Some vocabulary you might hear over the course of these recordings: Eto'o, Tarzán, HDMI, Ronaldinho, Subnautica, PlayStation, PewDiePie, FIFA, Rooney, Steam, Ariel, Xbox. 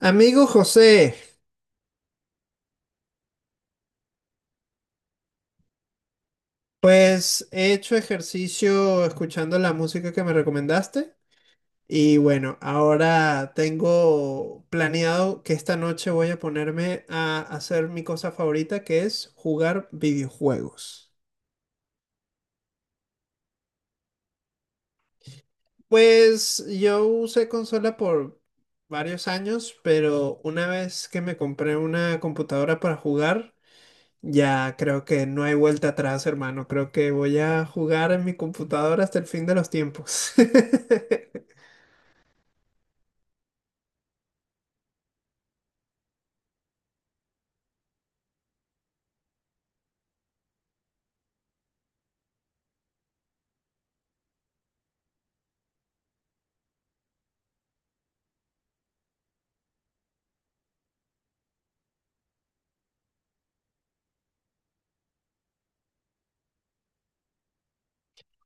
Amigo José, pues he hecho ejercicio escuchando la música que me recomendaste. Y bueno, ahora tengo planeado que esta noche voy a ponerme a hacer mi cosa favorita, que es jugar videojuegos. Pues yo usé consola por varios años, pero una vez que me compré una computadora para jugar, ya, creo que no hay vuelta atrás, hermano. Creo que voy a jugar en mi computadora hasta el fin de los tiempos.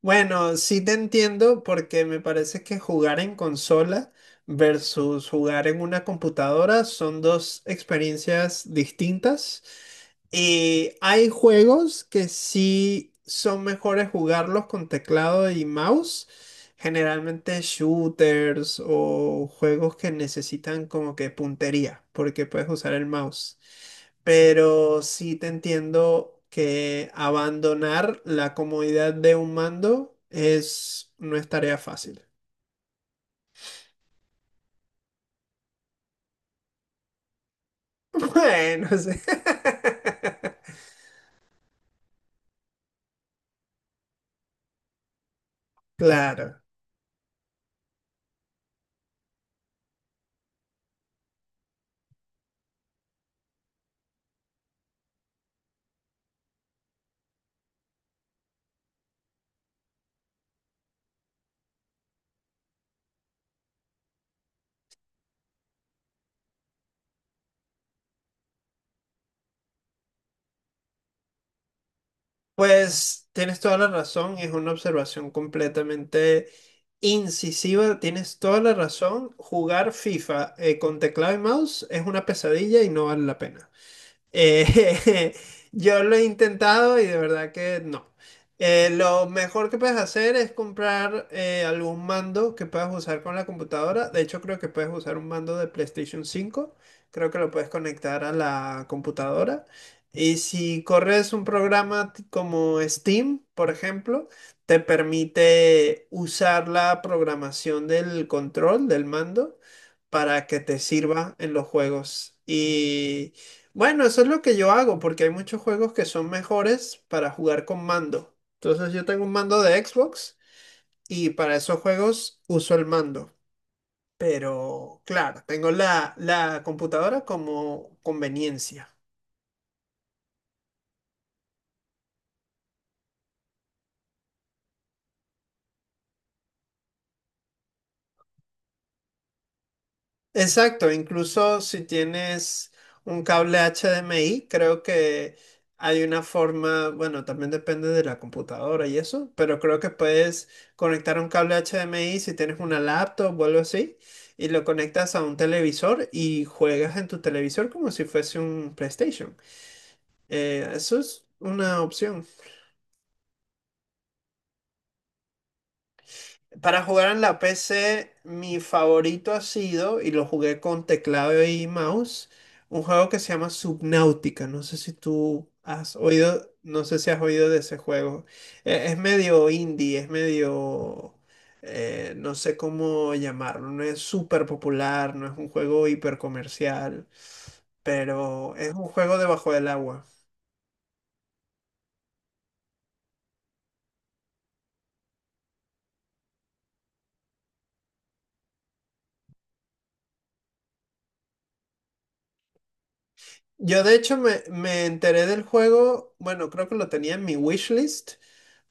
Bueno, sí te entiendo, porque me parece que jugar en consola versus jugar en una computadora son dos experiencias distintas. Y hay juegos que sí son mejores jugarlos con teclado y mouse. Generalmente shooters o juegos que necesitan como que puntería, porque puedes usar el mouse. Pero sí te entiendo que abandonar la comodidad de un mando es, no es tarea fácil. Bueno, sí. Claro. Pues tienes toda la razón, es una observación completamente incisiva, tienes toda la razón. Jugar FIFA, con teclado y mouse es una pesadilla y no vale la pena. Eh, yo lo he intentado y de verdad que no. Lo mejor que puedes hacer es comprar algún mando que puedas usar con la computadora. De hecho, creo que puedes usar un mando de PlayStation 5. Creo que lo puedes conectar a la computadora. Y si corres un programa como Steam, por ejemplo, te permite usar la programación del control del mando para que te sirva en los juegos. Y bueno, eso es lo que yo hago, porque hay muchos juegos que son mejores para jugar con mando. Entonces yo tengo un mando de Xbox y para esos juegos uso el mando. Pero claro, tengo la computadora como conveniencia. Exacto, incluso si tienes un cable HDMI, creo que hay una forma, bueno, también depende de la computadora y eso, pero creo que puedes conectar un cable HDMI si tienes una laptop o algo así, y lo conectas a un televisor y juegas en tu televisor como si fuese un PlayStation. Eso es una opción. Para jugar en la PC, mi favorito ha sido, y lo jugué con teclado y mouse, un juego que se llama Subnautica. No sé si tú has oído, no sé si has oído de ese juego. Es medio indie, es medio, no sé cómo llamarlo. No es súper popular, no es un juego hiper comercial, pero es un juego debajo del agua. Yo de hecho me enteré del juego, bueno, creo que lo tenía en mi wishlist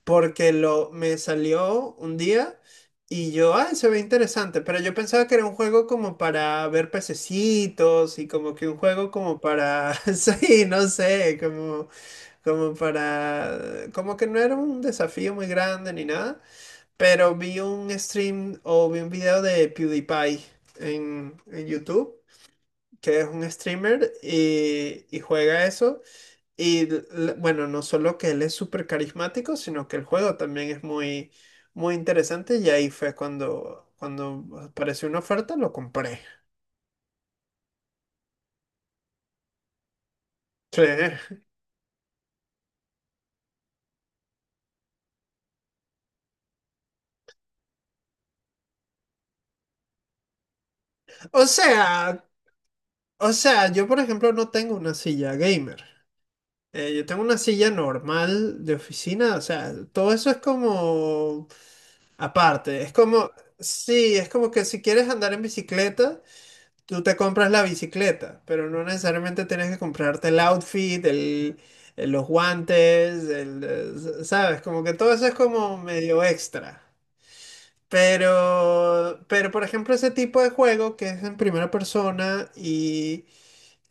porque lo me salió un día y yo, ay, se ve interesante, pero yo pensaba que era un juego como para ver pececitos y como que un juego como para, sí, no sé, como, como para, como que no era un desafío muy grande ni nada, pero vi un stream o vi un video de PewDiePie en YouTube, que es un streamer y juega eso. Y l- bueno, no solo que él es súper carismático, sino que el juego también es muy, muy interesante y ahí fue cuando, cuando apareció una oferta, lo compré. Sí. O sea, o sea, yo por ejemplo no tengo una silla gamer. Yo tengo una silla normal de oficina, o sea, todo eso es como aparte. Es como, sí, es como que si quieres andar en bicicleta. Tú te compras la bicicleta, pero no necesariamente tienes que comprarte el outfit, el, los guantes, el, ¿sabes? Como que todo eso es como medio extra. Pero por ejemplo, ese tipo de juego que es en primera persona y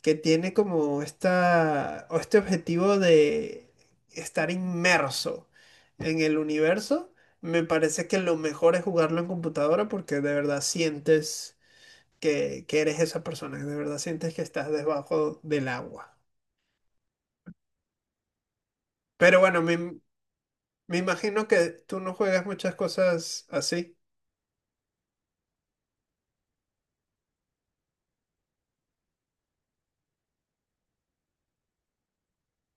que tiene como esta, o este objetivo de estar inmerso en el universo, me parece que lo mejor es jugarlo en computadora porque de verdad sientes que eres esa persona, que de verdad sientes que estás debajo del agua. Pero bueno, me imagino que tú no juegas muchas cosas así,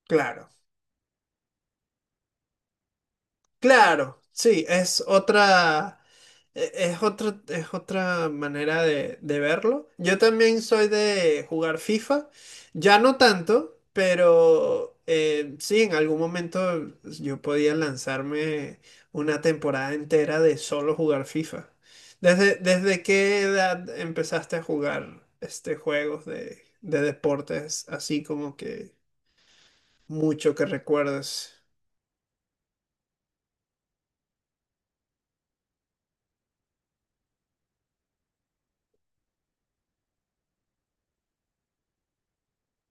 claro. Claro, sí, es otra, es otra, es otra manera de verlo. Yo también soy de jugar FIFA, ya no tanto, pero sí, en algún momento yo podía lanzarme una temporada entera de solo jugar FIFA. ¿Desde, desde qué edad empezaste a jugar este juegos de deportes así como que mucho que recuerdes?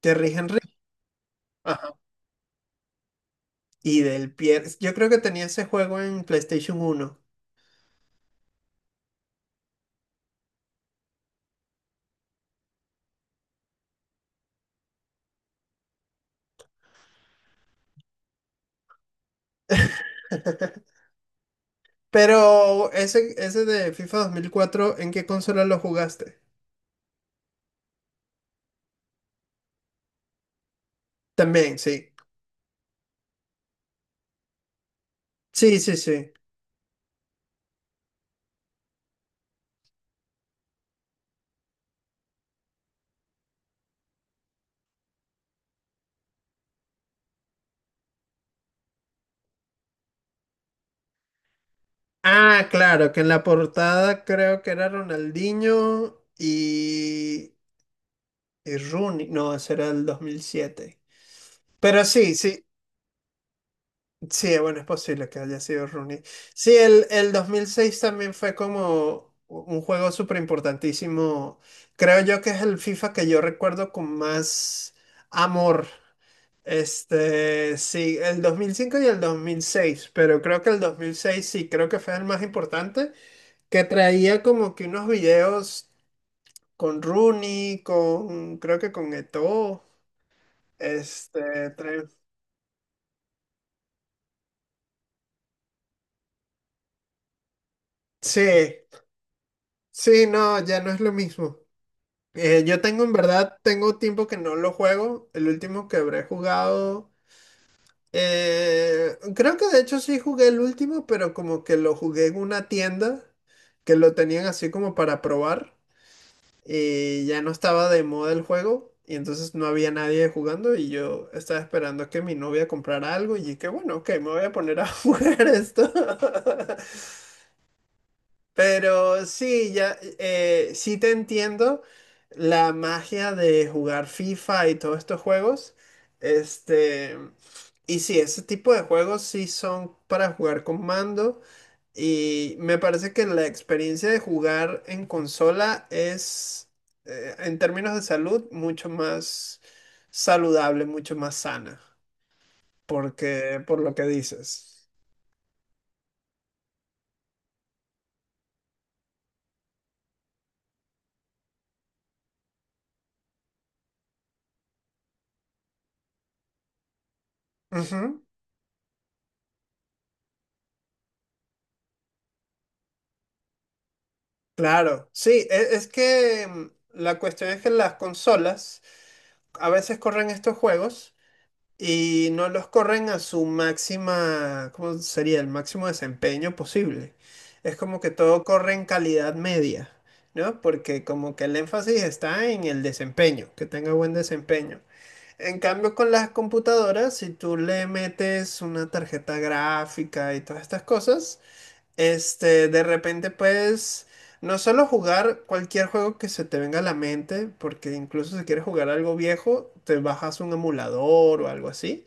¿Te rigen? Y del pie, yo creo que tenía ese juego en PlayStation 1. Pero ese de FIFA 2004 ¿en qué consola lo jugaste? También, sí. Sí, sí, sí. Ah, claro, que en la portada creo que era Ronaldinho y Rooney. No, ese era el 2007. Pero sí, sí, sí, bueno, es posible que haya sido Rooney. Sí, el 2006 también fue como un juego súper importantísimo. Creo yo que es el FIFA que yo recuerdo con más amor. Este, sí, el 2005 y el 2006, pero creo que el 2006 sí, creo que fue el más importante, que traía como que unos videos con Rooney, con, creo que con Eto'o, este, trae- sí, sí, no, ya no es lo mismo. Yo tengo, en verdad, tengo tiempo que no lo juego. El último que habré jugado, creo que de hecho sí jugué el último, pero como que lo jugué en una tienda que lo tenían así como para probar y ya no estaba de moda el juego y entonces no había nadie jugando y yo estaba esperando que mi novia comprara algo y que bueno, ok, me voy a poner a jugar esto. Pero sí, ya, sí te entiendo la magia de jugar FIFA y todos estos juegos. Este, y sí, ese tipo de juegos sí son para jugar con mando. Y me parece que la experiencia de jugar en consola es, en términos de salud, mucho más saludable, mucho más sana, porque por lo que dices. Claro, sí, es, que mm, la cuestión es que las consolas a veces corren estos juegos y no los corren a su máxima, ¿cómo sería? El máximo desempeño posible. Es como que todo corre en calidad media, ¿no? Porque como que el énfasis está en el desempeño, que tenga buen desempeño. En cambio, con las computadoras, si tú le metes una tarjeta gráfica y todas estas cosas, este, de repente puedes no solo jugar cualquier juego que se te venga a la mente, porque incluso si quieres jugar algo viejo, te bajas un emulador o algo así.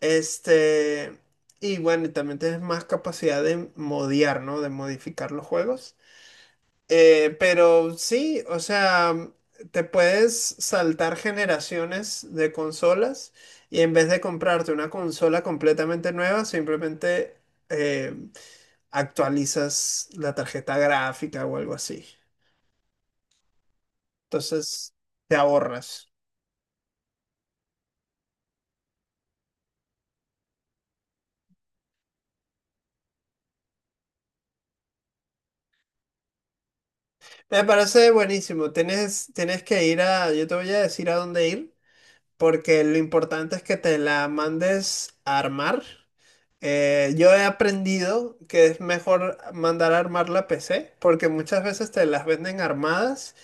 Este, y bueno, y también tienes más capacidad de modiar, ¿no? De modificar los juegos. Pero sí, o sea, te puedes saltar generaciones de consolas y en vez de comprarte una consola completamente nueva, simplemente... eh, actualizas la tarjeta gráfica o algo así. Entonces, te ahorras. Me parece buenísimo. Tienes, tienes que ir a, yo te voy a decir a dónde ir, porque lo importante es que te la mandes a armar. Yo he aprendido que es mejor mandar a armar la PC, porque muchas veces te las venden armadas.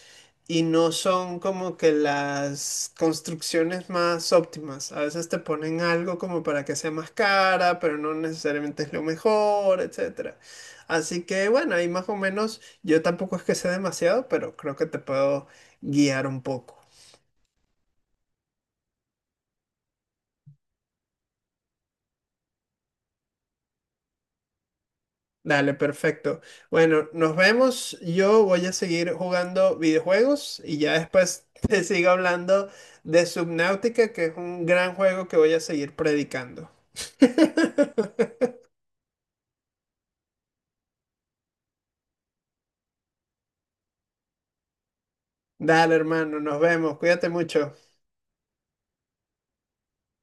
Y no son como que las construcciones más óptimas. A veces te ponen algo como para que sea más cara, pero no necesariamente es lo mejor, etcétera. Así que bueno, ahí más o menos yo tampoco es que sé demasiado, pero creo que te puedo guiar un poco. Dale, perfecto. Bueno, nos vemos. Yo voy a seguir jugando videojuegos y ya después te sigo hablando de Subnautica, que es un gran juego que voy a seguir predicando. Dale, hermano, nos vemos. Cuídate mucho.